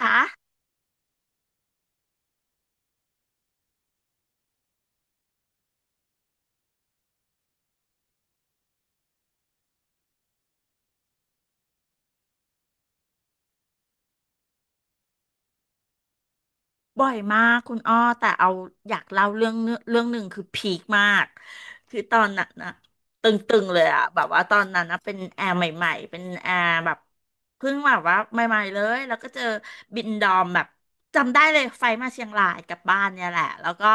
คะ บ่อยมากคุณอ้อแต่เอาอยากเล่าเรื่องเนื้อเรื่องหนึ่งคือพีคมากคือตอนนั้นนะตึงๆเลยอะแบบว่าตอนนั้นนะเป็นแอร์ใหม่ๆเป็นแอร์แบบเพิ่งแบบว่าใหม่ๆเลยแล้วก็เจอบินดอมแบบจำได้เลยไฟมาเชียงรายกลับบ้านเนี่ยแหละแล้วก็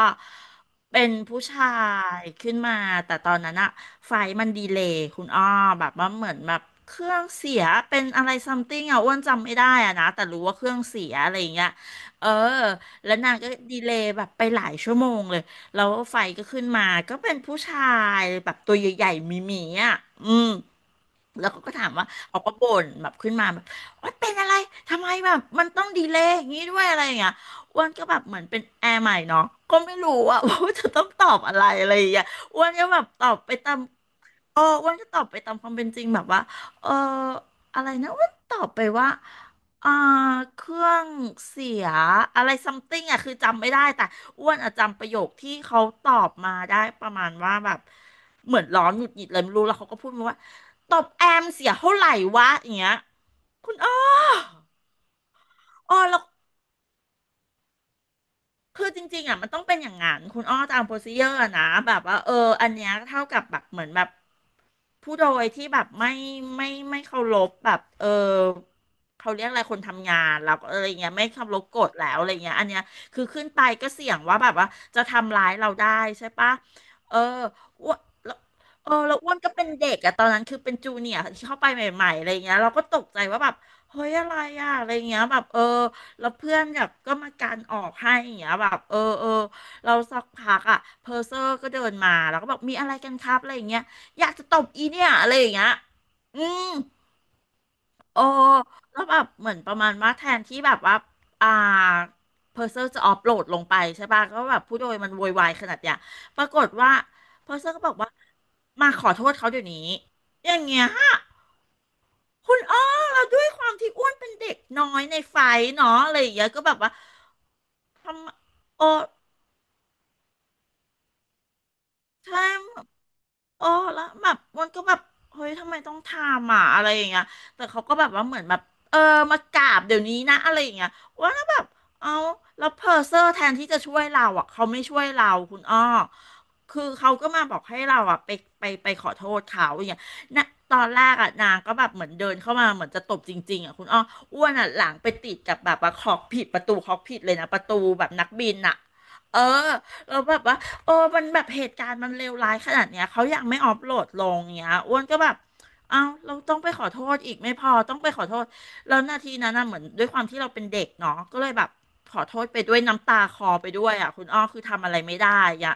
เป็นผู้ชายขึ้นมาแต่ตอนนั้นอะไฟมันดีเลย์คุณอ้อแบบว่าเหมือนแบบเครื่องเสียเป็นอะไรซัมติงอะอ้วนจำไม่ได้อะนะแต่รู้ว่าเครื่องเสียอะไรอย่างเงี้ยเออ แล้วนางก็ดีเลย์แบบไปหลายชั่วโมงเลยแล้วไฟก็ขึ้นมาก็เป็นผู้ชายแบบตัวใหญ่ๆมีหมีๆอ่ะอืมแล้วเขาก็ถามว่าเขาก็บ่นแบบขึ้นมาแบบว่าเป็นอะไรทำไมแบบมันต้องดีเลย์อย่างนี้ด้วยอะไรอย่างเงี้ยอ้วนก็แบบเหมือนเป็นแอร์ใหม่เนาะก็ไม่รู้อะ ว่าจะต้องตอบอะไรอะไรอย่างเงี้ยอ้วนก็แบบตอบไปตามเอออ้วนก็ตอบไปตามความเป็นจริงแบบว่าเอออะไรนะอ้วนตอบไปว่า อ่าเครื่องเสียอะไรซัมติงอ่ะคือจำไม่ได้แต่อ้วนอ่ะจำประโยคที่เขาตอบมาได้ประมาณว่าแบบเหมือนร้อนหงุดหงิดเลยไม่รู้แล้วเขาก็พูดมาว่าตบแอมเสียเท่าไหร่วะอย่างเงี้ยคุณอ้ออ๋อแล้ว คือจริงๆอ่ะมันต้องเป็นอย่างงั้นคุณอ้อตามโปรซีเจอร์นะแบบว่าเอออันเนี้ยเท่ากับแบบเหมือนแบบผู้โดยที่แบบไม่ไม่เคารพแบบเออเขาเรียกอะไรคนทำงานแล้วก็อะไรเงี้ยไม่เคารพกฎแล้วอะไรเงี้ยอันเนี้ยคือขึ้นไปก็เสี่ยงว่าแบบว่าจะทำร้ายเราได้ใช่ปะเอออ้วนแล้วเออแล้วอ้วนก็เป็นเด็กอะตอนนั้นคือเป็นจูเนียร์ที่เข้าไปใหม่ๆอะไรเงี้ยเราก็ตกใจว่าแบบเฮ้ยอะไรอะอะไรเงี้ยแบบเออ แล้วเพื่อนแบบก็มาการออกให้อย่างเงี้ยแบบเออเออเราสักพักอ่ะเพอร์เซอร์ก็เดินมาแล้วก็บอกมีอะไรกันครับอะไรอย่างเงี้ยอยากจะตบอีเนี่ยอะไรอย่างเงี้ยอืมโอ้แล้วแบบเหมือนประมาณว่าแทนที่แบบว่าอ่าเพอร์เซอร์จะออฟโหลดลงไปใช่ป่ะก็แบบผู้โดยมันโวยวายขนาดเนี้ยปรากฏว่าเพอร์เซอร์ก็บอกว่ามาขอโทษเขาเดี๋ยวนี้อย่างเงี้ย คุณอ้อเราด้วยความที่อ้วนเป็นเด็กน้อยในไฟเนาะอะไรอย่างเงี้ยก็แบบว่าทำโอ ใช่โอ้แล้วแบบมันก็แบบเฮ้ยทำไมต้องทำอ่ะอะไรอย่างเงี้ยแต่เขาก็แบบว่าเหมือนแบบเออมากราบเดี๋ยวนี้นะอะไรอย่างเงี้ยว่าแล้วแบบเอาแล้วเพอร์เซอร์แทนที่จะช่วยเราอ่ะเขาไม่ช่วยเราคุณอ้อคือเขาก็มาบอกให้เราอ่ะไปไปขอโทษเขาอย่างเงี้ยนะตอนแรกอ่ะนางก็แบบเหมือนเดินเข้ามาเหมือนจะตบจริงๆอ่ะคุณอ้ออ้วนอ่ะหลังไปติดกับแบบว่าขอบผิดประตูขอบผิดเลยนะประตูแบบนักบินอ่ะเออแล้วแบบว่า เออมันแบบเหตุการณ์มันเลวร้ายขนาดเนี้ยเขายังไม่ออฟโหลดลงเนี้ยอ้วนก็แบบเอ้าเราต้องไปขอโทษอีกไม่พอต้องไปขอโทษแล้วนาทีนั้นน่ะเหมือนด้วยความที่เราเป็นเด็กเนาะก็เลยแบบขอโทษไปด้วยน้ำตาคลอไปด้วยอ่ะคุณอ้อคือทำอะไรไม่ได้อ่ะ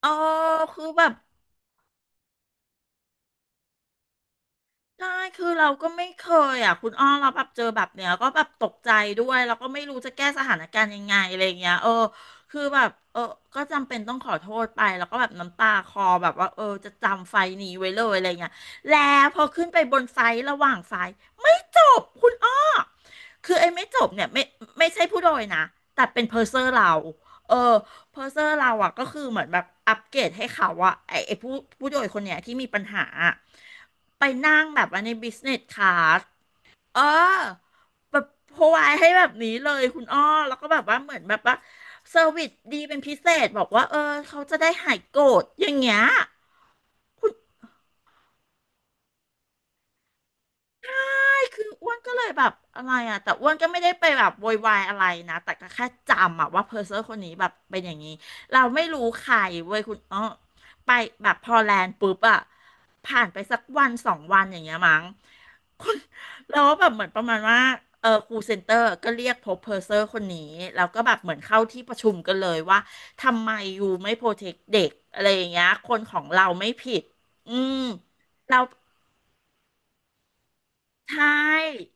เออคือแบบ ใช่คือเราก็ไม่เคยอ่ะคุณอ้อเราแบบเจอแบบเนี้ยก็แบบตกใจด้วย แล้วก็ไม่รู้จะแก้สถานการณ์ยังไงอะไรเงี้ยเออ คือแบบเออก็จำเป็นต้องขอโทษไปแล้วก็แบบน้ำตาคลอแบบว่าเออจะจำไฟล์นี้ไว้เลยอะไรเงี้ยแล้วพอขึ้นไปบนไฟล์ระหว่างไฟล์ จบคุณอ้อคือไอ้ไม่จบเนี่ยไม่ไม่ใช่ผู้โดยนะ แต่เป็นเพอร์เซอร์เรา เออเพอร์เซอร์เราอ่ะก็คือเหมือนแบบอัปเกรดให้เขาอ่ะไอ้ผู้โดยคนเนี้ยที่มีปัญหาอะไปนั่งแบบว่าในบิสเนสคลาสเออแบบโพไวายให้แบบนี้เลยคุณอ้อแล้วก็แบบว่าเหมือนแบบว่าเซอร์วิสดีเป็นพิเศษบอกว่าเออเขาจะได้หายโกรธอย่างเงี้ยคุณ คืออ้วนก็เลยแบบอะไรอ่ะแต่อ้วนก็ไม่ได้ไปแบบโวยวายอะไรนะแต่ก็แค่จำอ่ะว่าเพอร์เซอร์คนนี้แบบเป็นอย่างนี้เราไม่รู้ใครเว้ยคุณอ้อไปแบบพอแลนด์ปุ๊บอ่ะผ่านไปสักวันสองวันอย่างเงี้ยมั้งคุณแล้วแบบเหมือนประมาณว่าครูเซ็นเตอร์ก็เรียกพบเพอร์เซอร์คนนี้แล้วก็แบบเหมือนเข้าที่ประชุมกันเลยว่าทำไมอยู่ไม่โปรเทคเด็กอะไรอย่างเงี้ยคนของเราไม่ผิดอืมเราใช่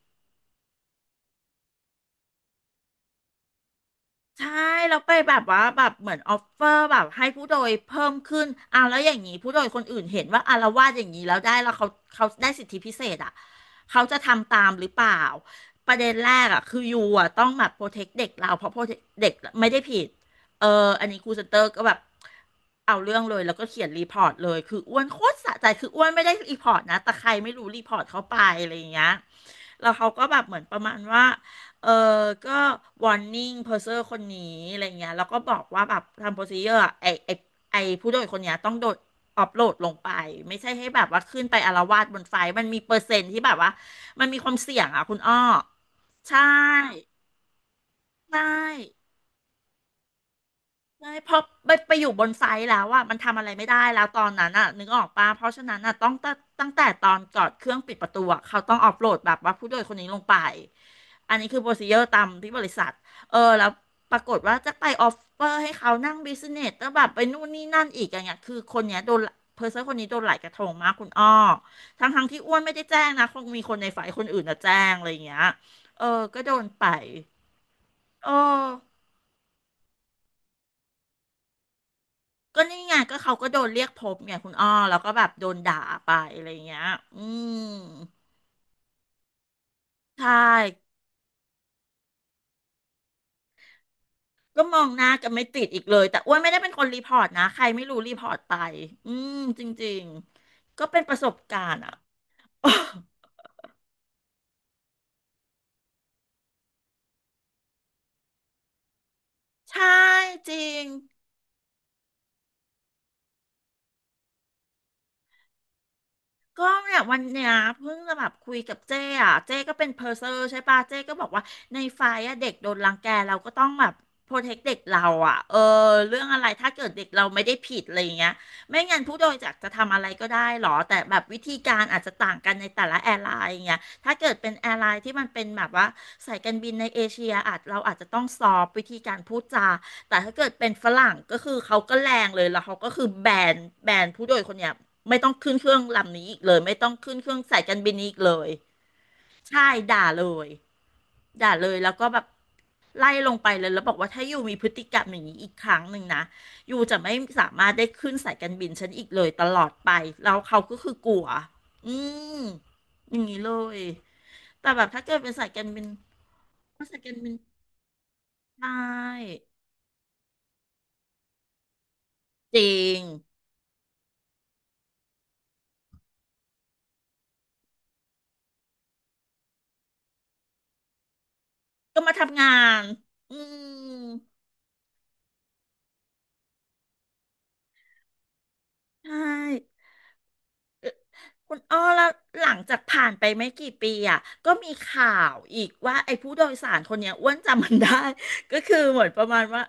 ใช่แล้วไปแบบว่าแบบเหมือนออฟเฟอร์แบบให้ผู้โดยเพิ่มขึ้นอ่ะแล้วอย่างนี้ผู้โดยคนอื่นเห็นว่าอาละวาดอย่างนี้แล้วได้แล้วเขาเขาได้สิทธิพิเศษอ่ะเขาจะทำตามหรือเปล่าประเด็นแรกอ่ะคือยูอ่ะต้องแบบโปรเทคเด็กเราเพราะโปรเทเด็กไม่ได้ผิดเอออันนี้ครูเซนเตอร์ก็แบบเอาเรื่องเลยแล้วก็เขียนรีพอร์ตเลยคืออ้วนโคตรสะใจคืออ้วนไม่ได้รีพอร์ตนะแต่ใครไม่รู้รีพอร์ตเขาไปอะไรอย่างเงี้ยแล้วเขาก็แบบเหมือนประมาณว่า เออ ก็วอร์นิ่งเพอร์เซอร์คนนี้อะไรเงี้ยแล้วก็บอกว่าแบบทำโปรซีเจอร์ไอผู้โดยคนเนี้ยต้องโดดอัปโหลดลงไปไม่ใช่ให้แบบว่าขึ้นไปอาละวาดบนไฟล์มันมีเปอร์เซ็นต์ที่แบบว่ามันมีความเสี่ยงอ่ะคุณอ้อใช่ใช่ ไม่เพราะไปอยู่บนไซต์แล้วอ่ะมันทำอะไรไม่ได้แล้วตอนนั้นอ่ะนึกออกปะเพราะฉะนั้นอ่ะต้องตั้งแต่ตอนก่อดเครื่องปิดประตูอะเขาต้องออฟโหลดแบบว่าผู้โดยคนนี้ลงไปอันนี้คือโปรซีเจอร์ตามที่บริษัทแล้วปรากฏว่าจะไปออฟเฟอร์ให้เขานั่งบิสเนสแล้วแบบไปนู่นนี่นั่นอีกอย่างเงี้ยคือคนเนี้ยโดนเพอร์เซอร์คนนี้โดนหลายกระทงมากคุณอ้อทั้งที่อ้วนไม่ได้แจ้งนะคงมีคนในฝ่ายคนอื่นนะแจ้งอะไรอย่างเงี้ยเออก็โดนไปเออ ก็นี่ไงก็เขาก็โดนเรียกพบไงคุณอ้อแล้วก็แบบโดนด่าไปอะไรเงี้ยอืมใช่ก็มองหน้ากันไม่ติดอีกเลยแต่อ้วนไม่ได้เป็นคนรีพอร์ตนะใครไม่รู้รีพอร์ตไปอืมจริงๆก็เป็นประสบการณ์อ่ะ ใช่จริง ก็เนี่ยวันเนี้ยเพิ่งจะแบบคุยกับเจ้อ่ะเจ้ก็เป็นเพอร์เซอร์ใช่ปะเจ้ก็บอกว่าในไฟอะเด็กโดนรังแกเราก็ต้องแบบโปรเทคเด็กเราอ่ะเออเรื่องอะไรถ้าเกิดเด็กเราไม่ได้ผิดอะไรอย่างเงี้ยไม่งั้นผู้โดยสารจะทำอะไรก็ได้หรอแต่แบบวิธีการอาจจะต่างกันในแต่ละแอร์ไลน์อย่างเงี้ยถ้าเกิดเป็นแอร์ไลน์ที่มันเป็นแบบว่าสายการบินในเอเชียอาจเราอาจจะต้องซอฟวิธีการพูดจาแต่ถ้าเกิดเป็นฝรั่งก็คือเขาก็แรงเลยแล้วเขาก็คือนแบนผู้โดยคนเนี้ย ไม่ต้องขึ้นเครื่องลำนี้อีกเลยไม่ต้องขึ้นเครื่องสายการบินนี้อีกเลยใช่ด่าเลยด่าเลยแล้วก็แบบไล่ลงไปเลยแล้วบอกว่าถ้าอยู่มีพฤติกรรมอย่างนี้อีกครั้งหนึ่งนะอยู่จะไม่สามารถได้ขึ้นสายการบินฉันอีกเลยตลอดไปแล้วเขาก็คือกลัวอืมอย่างนี้เลยแต่แบบถ้าเกิดเป็นสายการบินก็สายการบินใช่จริงก็มาทำงานอืมใช่ คุณอ้อแล้วหลังจากผ่านไปไม่กี่ปีอ่ะก็มีข่าวอีกว่าไอ้ผู้โดยสารคนเนี้ยอ้วนจำมันได้ ก็คือเหมือนประมาณว่า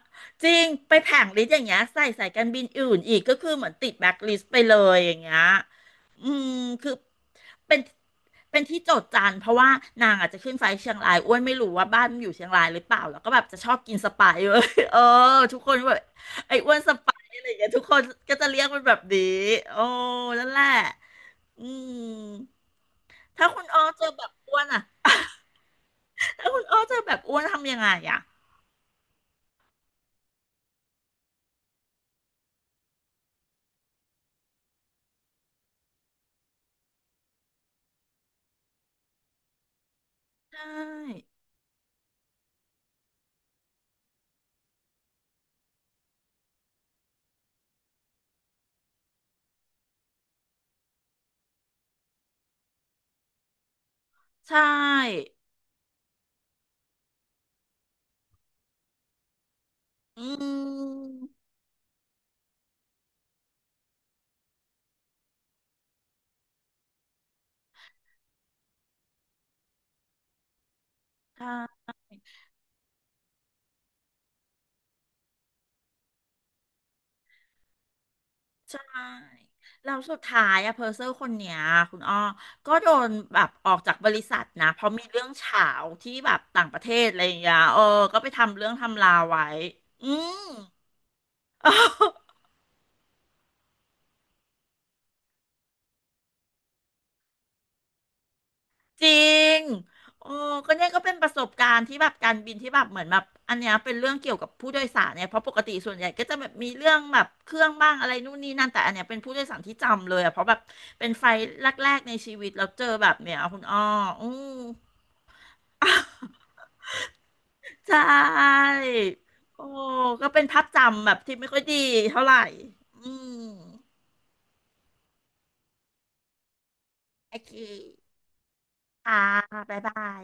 จริงไปแผงลิสต์อย่างเงี้ยใส่สายการบินอื่นอีกก็คือเหมือนติดแบล็คลิสต์ไปเลยอย่างเงี้ยอืมคือเป็นเป็นที่โจษจันเพราะว่านางอาจจะขึ้นไฟล์เชียงรายอ้วนไม่รู้ว่าบ้านมันอยู่เชียงรายหรือเปล่าแล้วก็แบบจะชอบกินสไปซ์เว้ย เออทุกคนแบบไอ้อ้วนสไปซ์อะไรอย่างเงี้ยทุกคนก็จะเรียกมันแบบนี้โอ้นั่นแหละ อืมถ้าคุณอ้อเจอแบบอ้วนอ่ะถ้าคุณอ้อเจอแบบอ้วนทำยังไงอ่ะใช่ใช่ อืมใช่ใช่แล้วสุดท้ายอะเพอร์เซอร์คนเนี้ยคุณอ้อก็โดนแบบออกจากบริษัทนะเพราะมีเรื่องเฉาวที่แบบต่างประเทศอะไรอย่างเงี้ยเออก็ไปทำเรื่องทำลาไว้อืม จริงโอ้ก็เนี่ยก็เป็นประสบการณ์ที่แบบการบินที่แบบเหมือนแบบอันเนี้ยเป็นเรื่องเกี่ยวกับผู้โดยสารเนี่ยเพราะปกติส่วนใหญ่ก็จะแบบมีเรื่องแบบเครื่องบ้างอะไรนู่นนี่นั่นแต่อันเนี้ยเป็นผู้โดยสารที่จำเลยอะเพราะแบบเป็นไฟล์แรกๆในชีวิตแล้วเจอแบบเนี้ยคุณอ้ออือ ใช่โอ้ก็เป็นภาพจำแบบที่ไม่ค่อยดีเท่าไหร่อืมโอเคค่ะบ๊ายบาย